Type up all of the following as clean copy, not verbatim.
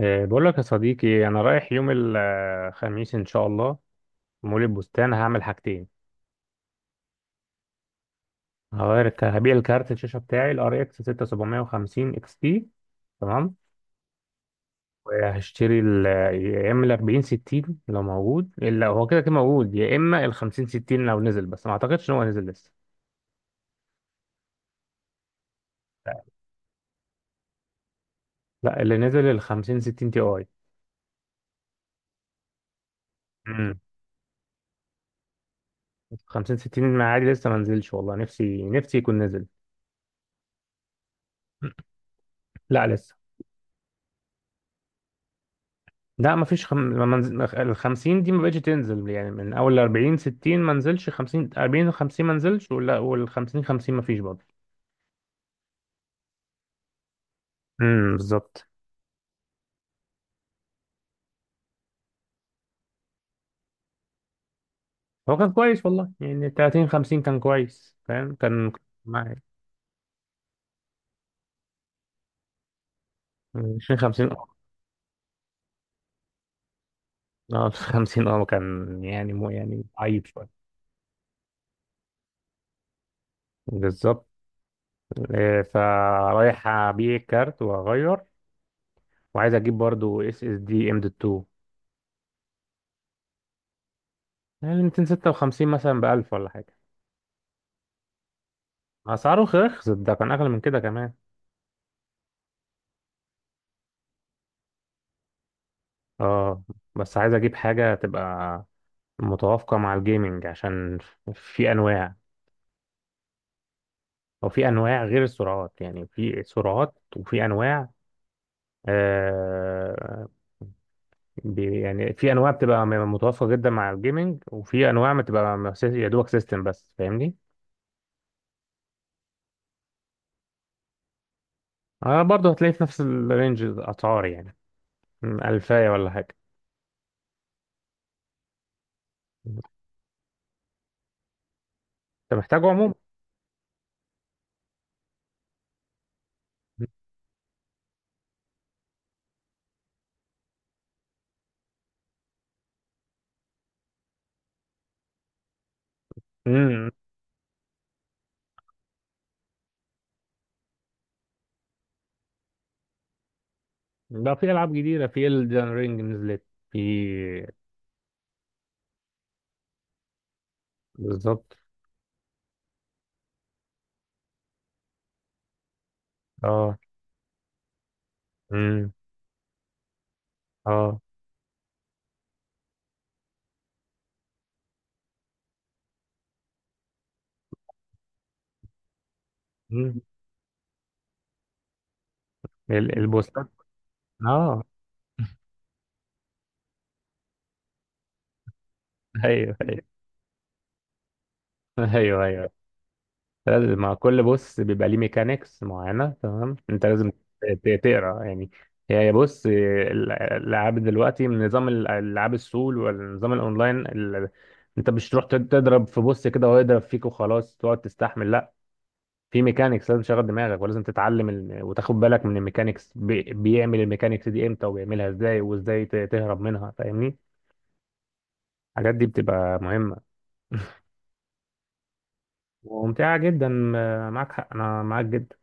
إيه، بقول لك يا صديقي، انا رايح يوم الخميس ان شاء الله، مول البستان هعمل حاجتين. هبيع الكارت الشاشه بتاعي الار اكس 6750 اكس تي، تمام، وهشتري يا اما ال 40 60 لو موجود، الا هو كده كده موجود، يا اما ال 50 60 لو نزل، بس ما اعتقدش ان هو نزل لسه. لا، اللي نزل ال 50 60 تي اي. امم 50 60 عادي لسه ما نزلش، والله نفسي نفسي يكون نزل. لا لسه. لا مفيش خم... ما منز... ال 50 دي ما بقتش تنزل يعني، من اول ال 40 60 ما نزلش، 50، 40، 50 ما نزلش ولا، وال 50 50 ما فيش برضه. امم، بالظبط. هو كان كويس والله، يعني 30 50 كان كويس، فاهم؟ كان معايا 20 50، اه آه. 50 اه كان يعني، مو يعني عيب شويه. بالظبط. فرايح ابيع الكارت واغير، وعايز اجيب برضه اس اس دي ام دوت 2. يعني 256 مثلا ب 1000 ولا حاجه. اسعاره رخصت، ده كان اغلى من كده كمان. اه. بس عايز اجيب حاجة تبقى متوافقة مع الجيمنج، عشان في انواع، او في انواع غير السرعات، يعني في سرعات وفي انواع. آه، يعني في انواع بتبقى متوافقة جدا مع الجيمنج، وفي انواع بتبقى يا دوبك سيستم بس، فاهمني؟ آه برضه هتلاقي في نفس الرينج الاسعار يعني. م، الفاية ولا حاجة. انت محتاجه عموما. امم. ده في العاب جديده، في Elden Ring نزلت. في. بالظبط. اه. اه. مم. البوستات. اه. ايوه، ايوه. ايوه، ايوه. لازم مع كل بوست بيبقى ليه ميكانيكس معينه، تمام؟ انت لازم تقرا يعني. هي بص، الالعاب دلوقتي من نظام الالعاب السول، والنظام الاونلاين انت مش تروح تضرب في بوست كده وهو يضرب فيك وخلاص تقعد تستحمل، لا. في ميكانيكس لازم تشغل دماغك، ولازم تتعلم وتاخد بالك من الميكانيكس، بيعمل الميكانيكس دي امتى وبيعملها ازاي، وازاي تهرب منها، فاهمني؟ الحاجات دي بتبقى مهمه. وممتعة جدا، معاك حق، أنا معاك جدا.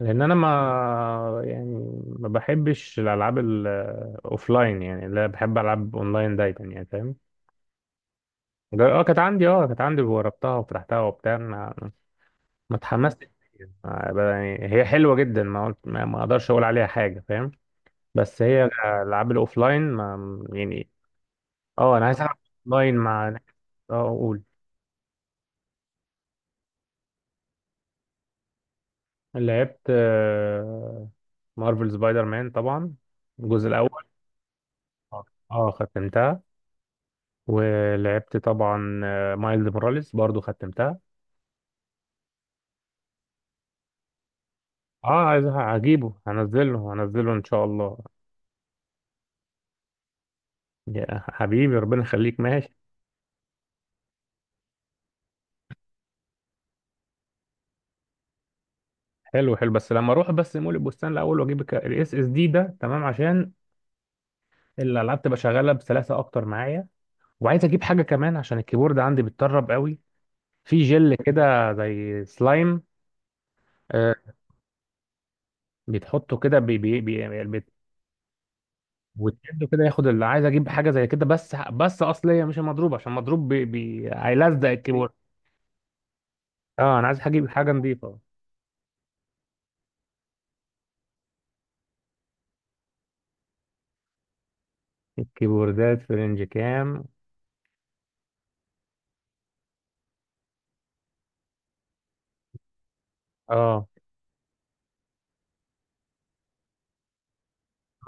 لأن أنا ما بحبش الألعاب الأوفلاين، يعني لا، بحب ألعب أونلاين دايما يعني، فاهم؟ اه كانت عندي، وجربتها وفتحتها وبتاع، ما اتحمستش ليها. يعني هي حلوة جدا، ما قلت، ما أقدرش أقول عليها حاجة، فاهم؟ بس هي الألعاب الأوفلاين ما يعني. اه، أنا عايز ألعب أونلاين مع ناس. اه أقول. لعبت مارفل سبايدر مان طبعا، الجزء الأول. اه. ختمتها. ولعبت طبعا، مايلز موراليس برضو، ختمتها. اه عايز، هجيبه، هنزله، هنزله ان شاء الله. يا حبيبي، ربنا يخليك، ماشي. حلو حلو، بس لما اروح بس مول البستان الاول، واجيب الاس اس دي ده، تمام، عشان الالعاب تبقى شغاله بسلاسه اكتر معايا. وعايز اجيب حاجه كمان، عشان الكيبورد عندي بيتطرب قوي. في جل كده زي سلايم، آه، بيتحطه كده بي بي بي، وتشده كده، ياخد، اللي عايز اجيب حاجه زي كده، بس بس اصليه، مش المضروب، عشان مضروب هيلزق الكيبورد. اه انا عايز اجيب حاجه نظيفه. الكيبوردات في رينج كام؟ اه.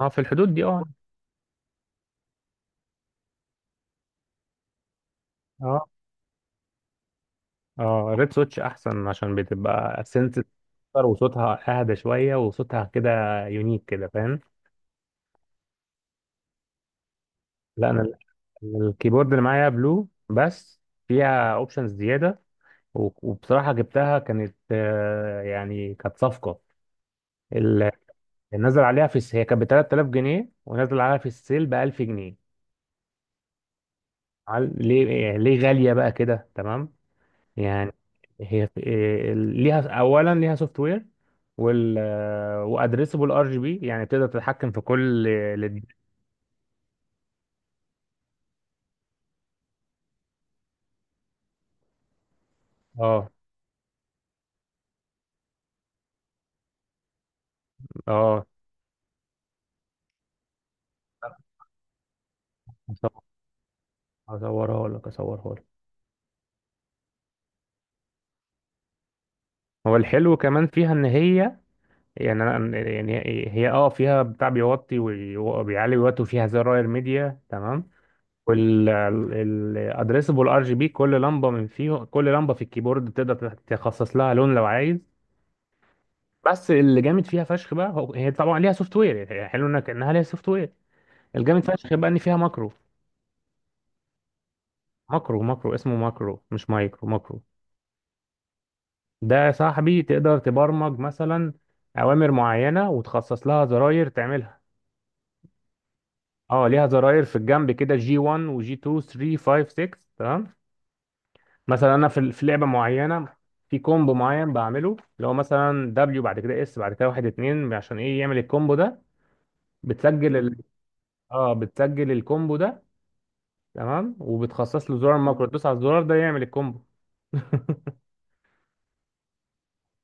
اه، في الحدود دي اه. اه. اه، ريد سويتش احسن، عشان بتبقى سنس اكتر، وصوتها اهدى شويه، وصوتها كده يونيك كده، فاهم؟ لا، انا الكيبورد اللي معايا بلو، بس فيها اوبشنز زياده، و- وبصراحه جبتها، كانت يعني كانت صفقه. ال- نزل عليها في هي كانت ب 3000 جنيه، ونزل عليها في السيل ب 1000 جنيه. ليه يعني، ليه غالية بقى كده، تمام، يعني؟ هي ليها اولا ليها سوفت وير، وال، وادريسبل ار جي بي، يعني تقدر تتحكم في كل اه. اه. اصورها لك. هو الحلو كمان فيها ان هي، يعني يعني هي اه فيها بتاع بيوطي وبيعلي ويوطي، وفيها زراير ميديا، تمام. والادريسبل ار جي بي، كل لمبه من فيهم، كل لمبه في الكيبورد تقدر تخصص لها لون لو عايز. بس اللي جامد فيها فشخ بقى، هو هي طبعا ليها سوفت وير، هي حلو انك، انها ليها سوفت وير. الجامد فشخ بقى ان فيها ماكرو. ماكرو، ماكرو اسمه ماكرو، مش مايكرو، ماكرو. ده يا صاحبي تقدر تبرمج مثلا اوامر معينه، وتخصص لها زراير تعملها. اه، ليها زراير في الجنب كده، جي 1 وجي 2، 3، 5، 6، تمام. مثلا انا في لعبه معينه، في كومبو معين بعمله، اللي هو مثلا دبليو، بعد كده اس، بعد كده واحد اتنين، عشان ايه؟ يعمل الكومبو ده. بتسجل ال... مم. اه، بتسجل الكومبو ده، تمام، وبتخصص له زرار ماكرو، تدوس على الزرار ده يعمل الكومبو.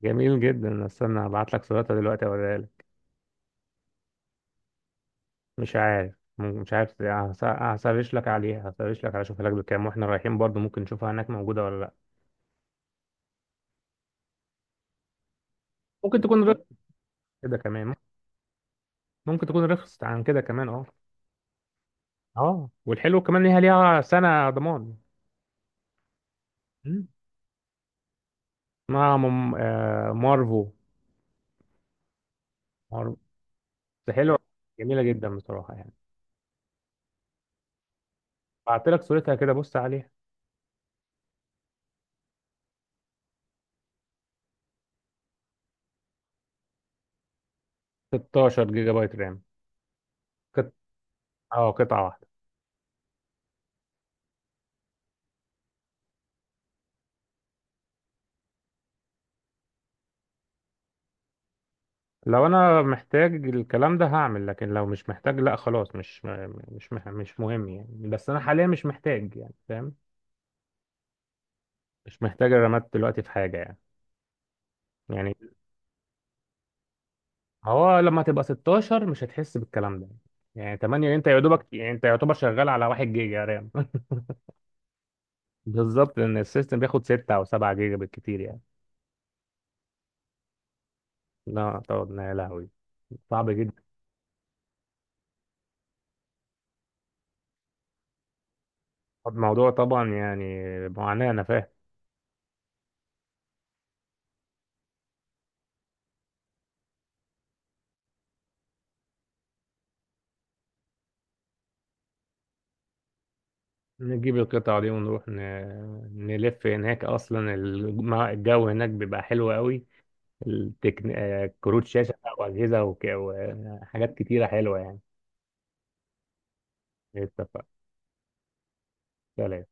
جميل جدا. استنى هبعت لك صورتها دلوقتي، اوريها لك. مش عارف، مش عارف، هسرش لك عليها، اشوفها لك بكام، واحنا رايحين برضو ممكن نشوفها هناك، موجوده ولا لا. ممكن تكون رخص كده كمان. ممكن تكون رخصت عن كده كمان، اه. اه، والحلو كمان ليها، ليها سنة ضمان. مم. اسمها مارفو. مارفو. ده حلو. جميلة جدا بصراحة يعني. بعت لك صورتها كده، بص عليها. 16 جيجا بايت رام. قط... اه، قطعة واحدة. لو انا محتاج الكلام ده هعمل، لكن لو مش محتاج لا، خلاص، مش م- مش مح... مش مهم يعني، بس انا حاليا مش محتاج يعني، فاهم؟ مش محتاج الرامات دلوقتي في حاجة يعني، يعني. هو لما تبقى 16 مش هتحس بالكلام ده، يعني 8 انت يا دوبك، يعني انت يعتبر شغال على 1 جيجا رام. بالظبط، لان السيستم بياخد 6 او 7 جيجا بالكتير يعني. لا طبعا، يا لهوي، صعب جدا. الموضوع طبعا يعني معاناة، انا فاهم. نجيب القطع دي ونروح ن... نلف هناك اصلا. الجو هناك بيبقى حلو قوي. التكن... كروت شاشة بقى، واجهزة، وك... وحاجات كتيرة حلوة يعني. اتفق. سلام.